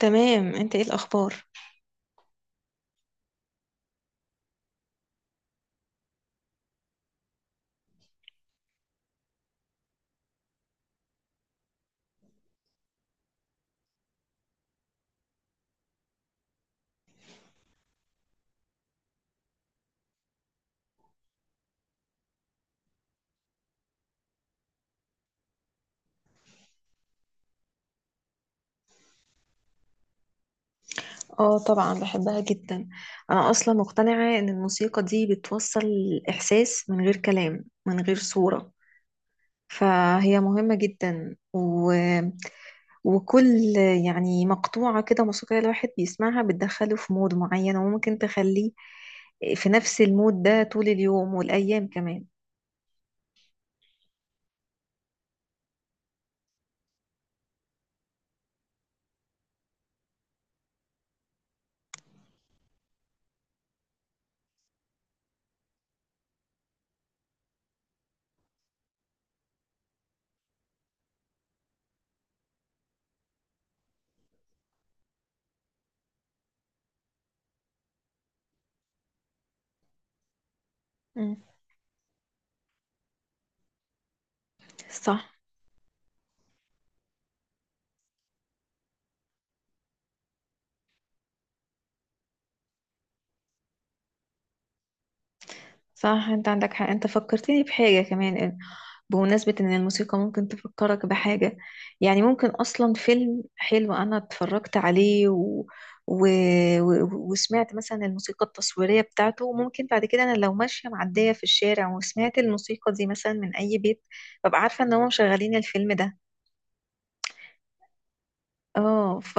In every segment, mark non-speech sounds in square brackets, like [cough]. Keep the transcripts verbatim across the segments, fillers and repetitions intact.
تمام، انت ايه الاخبار؟ اه، طبعا بحبها جدا. انا اصلا مقتنعة ان الموسيقى دي بتوصل الاحساس من غير كلام من غير صورة، فهي مهمة جدا و... وكل يعني مقطوعة كده موسيقية الواحد بيسمعها بتدخله في مود معين، وممكن تخليه في نفس المود ده طول اليوم والايام كمان. مم. صح. صح، انت عندك حق، انت فكرتني بحاجة كمان بمناسبة إن الموسيقى ممكن تفكرك بحاجة. يعني ممكن أصلا فيلم حلو أنا اتفرجت عليه و... و... و... وسمعت مثلا الموسيقى التصويرية بتاعته، ممكن بعد كده أنا لو ماشية معدية في الشارع وسمعت الموسيقى دي مثلا من أي بيت، ببقى عارفة إن هم مشغلين الفيلم ده. اه ف...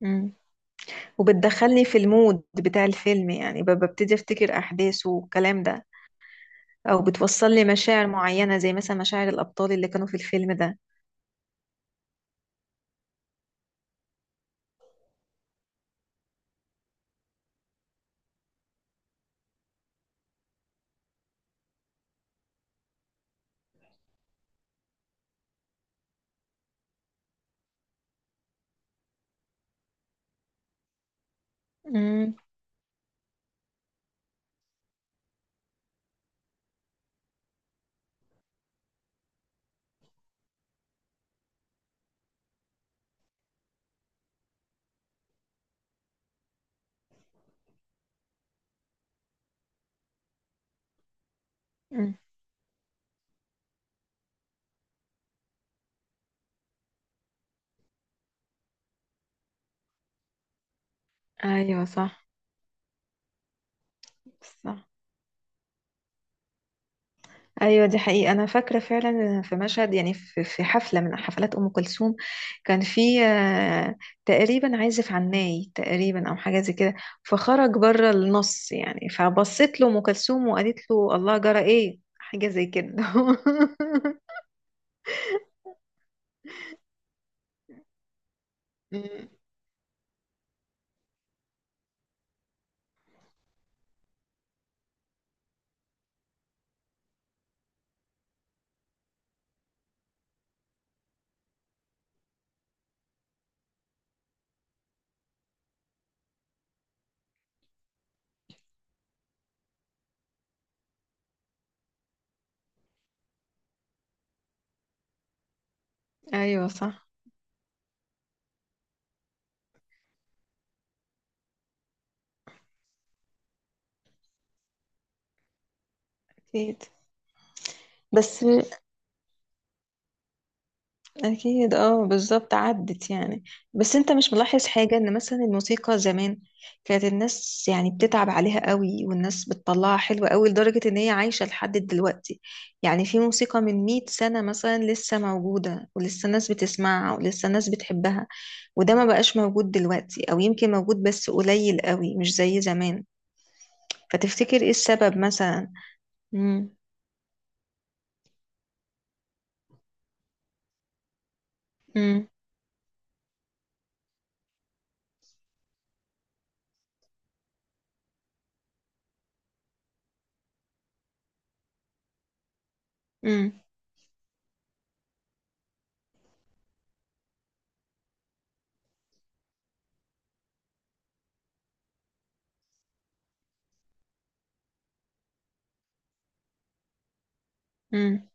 مم. وبتدخلني في المود بتاع الفيلم، يعني ب- ببتدي أفتكر أحداثه والكلام ده. أو بتوصل لي مشاعر معينة زي مثلا مشاعر الأبطال اللي كانوا في الفيلم ده. مم. مم. ايوه، صح. صح. ايوه، دي حقيقة، انا فاكرة فعلا في مشهد، يعني في في حفلة من حفلات ام كلثوم كان في آه، تقريبا عازف عناي تقريبا او حاجة زي كده، فخرج بره النص. يعني فبصت له ام كلثوم وقالت له الله جرى ايه، حاجة زي كده. [laughs] مم. ايوه، صح. اكيد. بس أكيد، اه، بالظبط عدت يعني. بس أنت مش ملاحظ حاجة إن مثلا الموسيقى زمان كانت الناس يعني بتتعب عليها قوي، والناس بتطلعها حلوة قوي لدرجة إن هي عايشة لحد دلوقتي؟ يعني في موسيقى من مية سنة مثلا لسه موجودة ولسه الناس بتسمعها ولسه الناس بتحبها، وده ما بقاش موجود دلوقتي، أو يمكن موجود بس قليل قوي مش زي زمان. فتفتكر إيه السبب مثلا؟ مم. مم. مم. مم.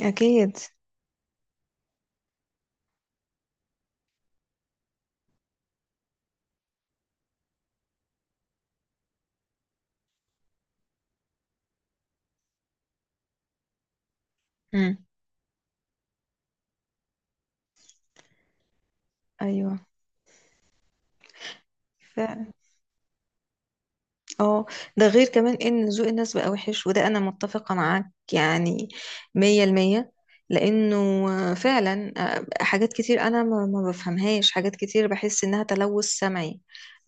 أكيد. مم. أيوه. فعلا. اه. ده غير كمان ان ذوق الناس بقى وحش، وده انا متفقة معاك يعني مية المية، لانه فعلا، آه، حاجات كتير انا ما ما بفهمهاش، حاجات كتير بحس انها تلوث سمعي،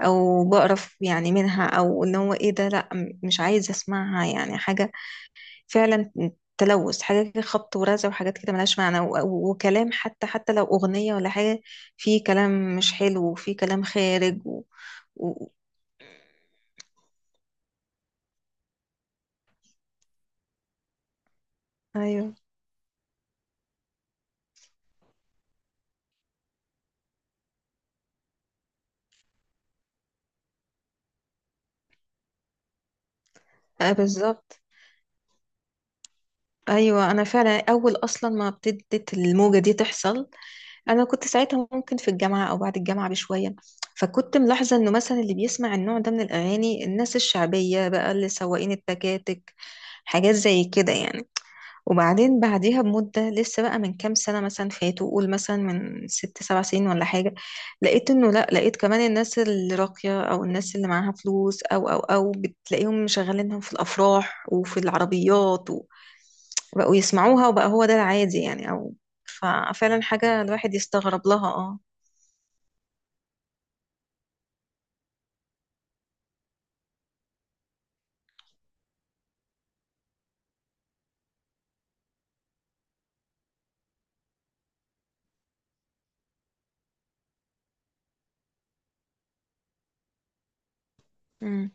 او بقرف يعني منها، او ان هو ايه ده، لا، م- مش عايزة اسمعها يعني حاجة. فعلا تلوث. حاجة كده خبط ورزع وحاجات كده ملهاش معنى، و- و- وكلام، حتى حتى لو اغنية ولا حاجة، في كلام مش حلو وفي كلام خارج و... و... ايوه. آه، بالظبط. ايوه، انا فعلا اول اصلا ما ابتدت الموجه دي تحصل، انا كنت ساعتها ممكن في الجامعه او بعد الجامعه بشويه، فكنت ملاحظه انه مثلا اللي بيسمع النوع ده من الاغاني الناس الشعبيه بقى، اللي سواقين التكاتك، حاجات زي كده يعني. وبعدين بعديها بمده، لسه بقى من كام سنه مثلا فاتوا، قول مثلا من ست سبع سنين ولا حاجه، لقيت انه لا، لقيت كمان الناس اللي راقيه او الناس اللي معاها فلوس، او او او بتلاقيهم مشغلينهم في الافراح وفي العربيات، بقوا يسمعوها، وبقى هو ده العادي يعني. او ففعلا حاجة الواحد يستغرب لها، اه. امم.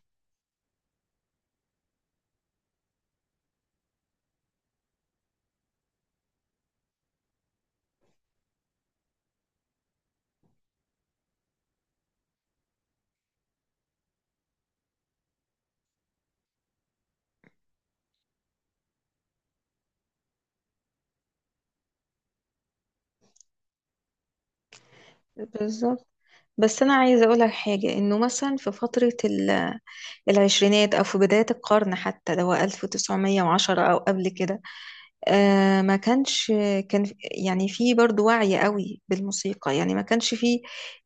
بالظبط. بس انا عايزه اقول لك حاجه، انه مثلا في فتره ال- العشرينات او في بدايه القرن، حتى اللي هو ألف وتسعمية وعشرة او قبل كده، آه، ما كانش كان في- يعني في برضو وعي قوي بالموسيقى. يعني ما كانش في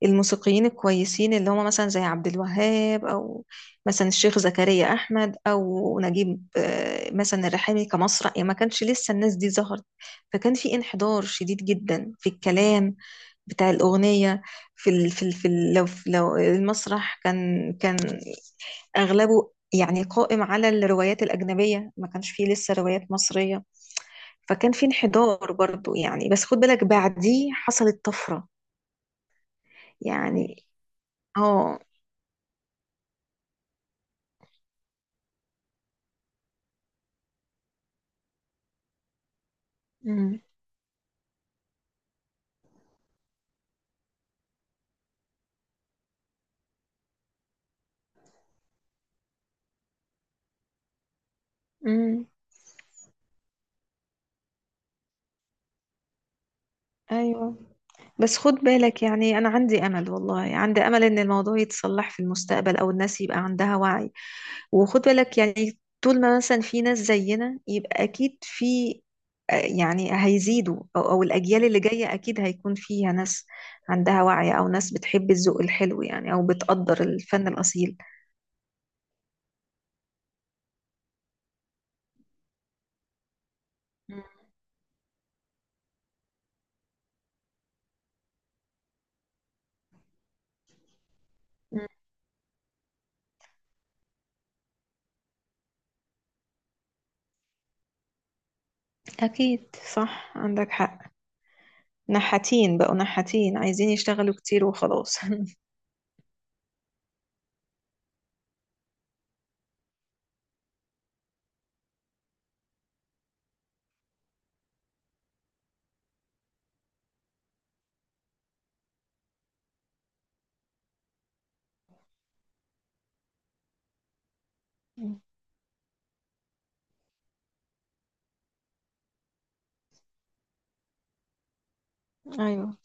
الموسيقيين الكويسين اللي هم مثلا زي عبد الوهاب، او مثلا الشيخ زكريا احمد، او نجيب آه، مثلا الرحامي كمسرح، يعني ما كانش لسه الناس دي ظهرت، فكان في انحدار شديد جدا في الكلام بتاع الأغنية. في ال في ال في ال لو لو المسرح كان كان أغلبه يعني قائم على الروايات الأجنبية، ما كانش فيه لسه روايات مصرية، فكان في انحدار برضو يعني، بس خد بالك بعديه حصلت طفرة يعني. اه. أمم، أمم، ايوه. بس خد بالك يعني انا عندي امل، والله عندي امل ان الموضوع يتصلح في المستقبل او الناس يبقى عندها وعي. وخد بالك يعني طول ما مثلا في ناس زينا، يبقى اكيد في آه، يعني هيزيدوا، او أو الاجيال اللي جاية اكيد هيكون فيها ناس عندها وعي، او ناس بتحب الذوق الحلو يعني، او بتقدر الفن الاصيل. أكيد، صح، عندك حق. نحاتين، بقوا نحاتين عايزين يشتغلوا كتير وخلاص. [laughs] أيوه.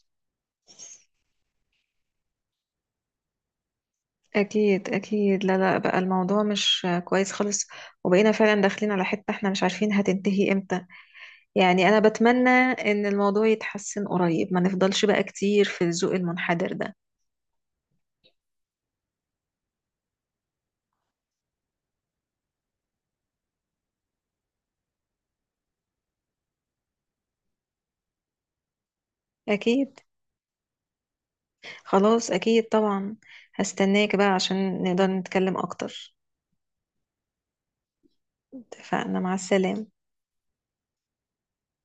أكيد أكيد، لا لا، بقى الموضوع مش كويس خالص، وبقينا فعلا داخلين على حتة احنا مش عارفين هتنتهي امتى. يعني أنا بتمنى إن الموضوع يتحسن قريب، ما نفضلش بقى كتير في الذوق المنحدر ده. أكيد. خلاص، أكيد طبعا، هستناك بقى عشان نقدر نتكلم أكتر. اتفقنا، مع السلامة.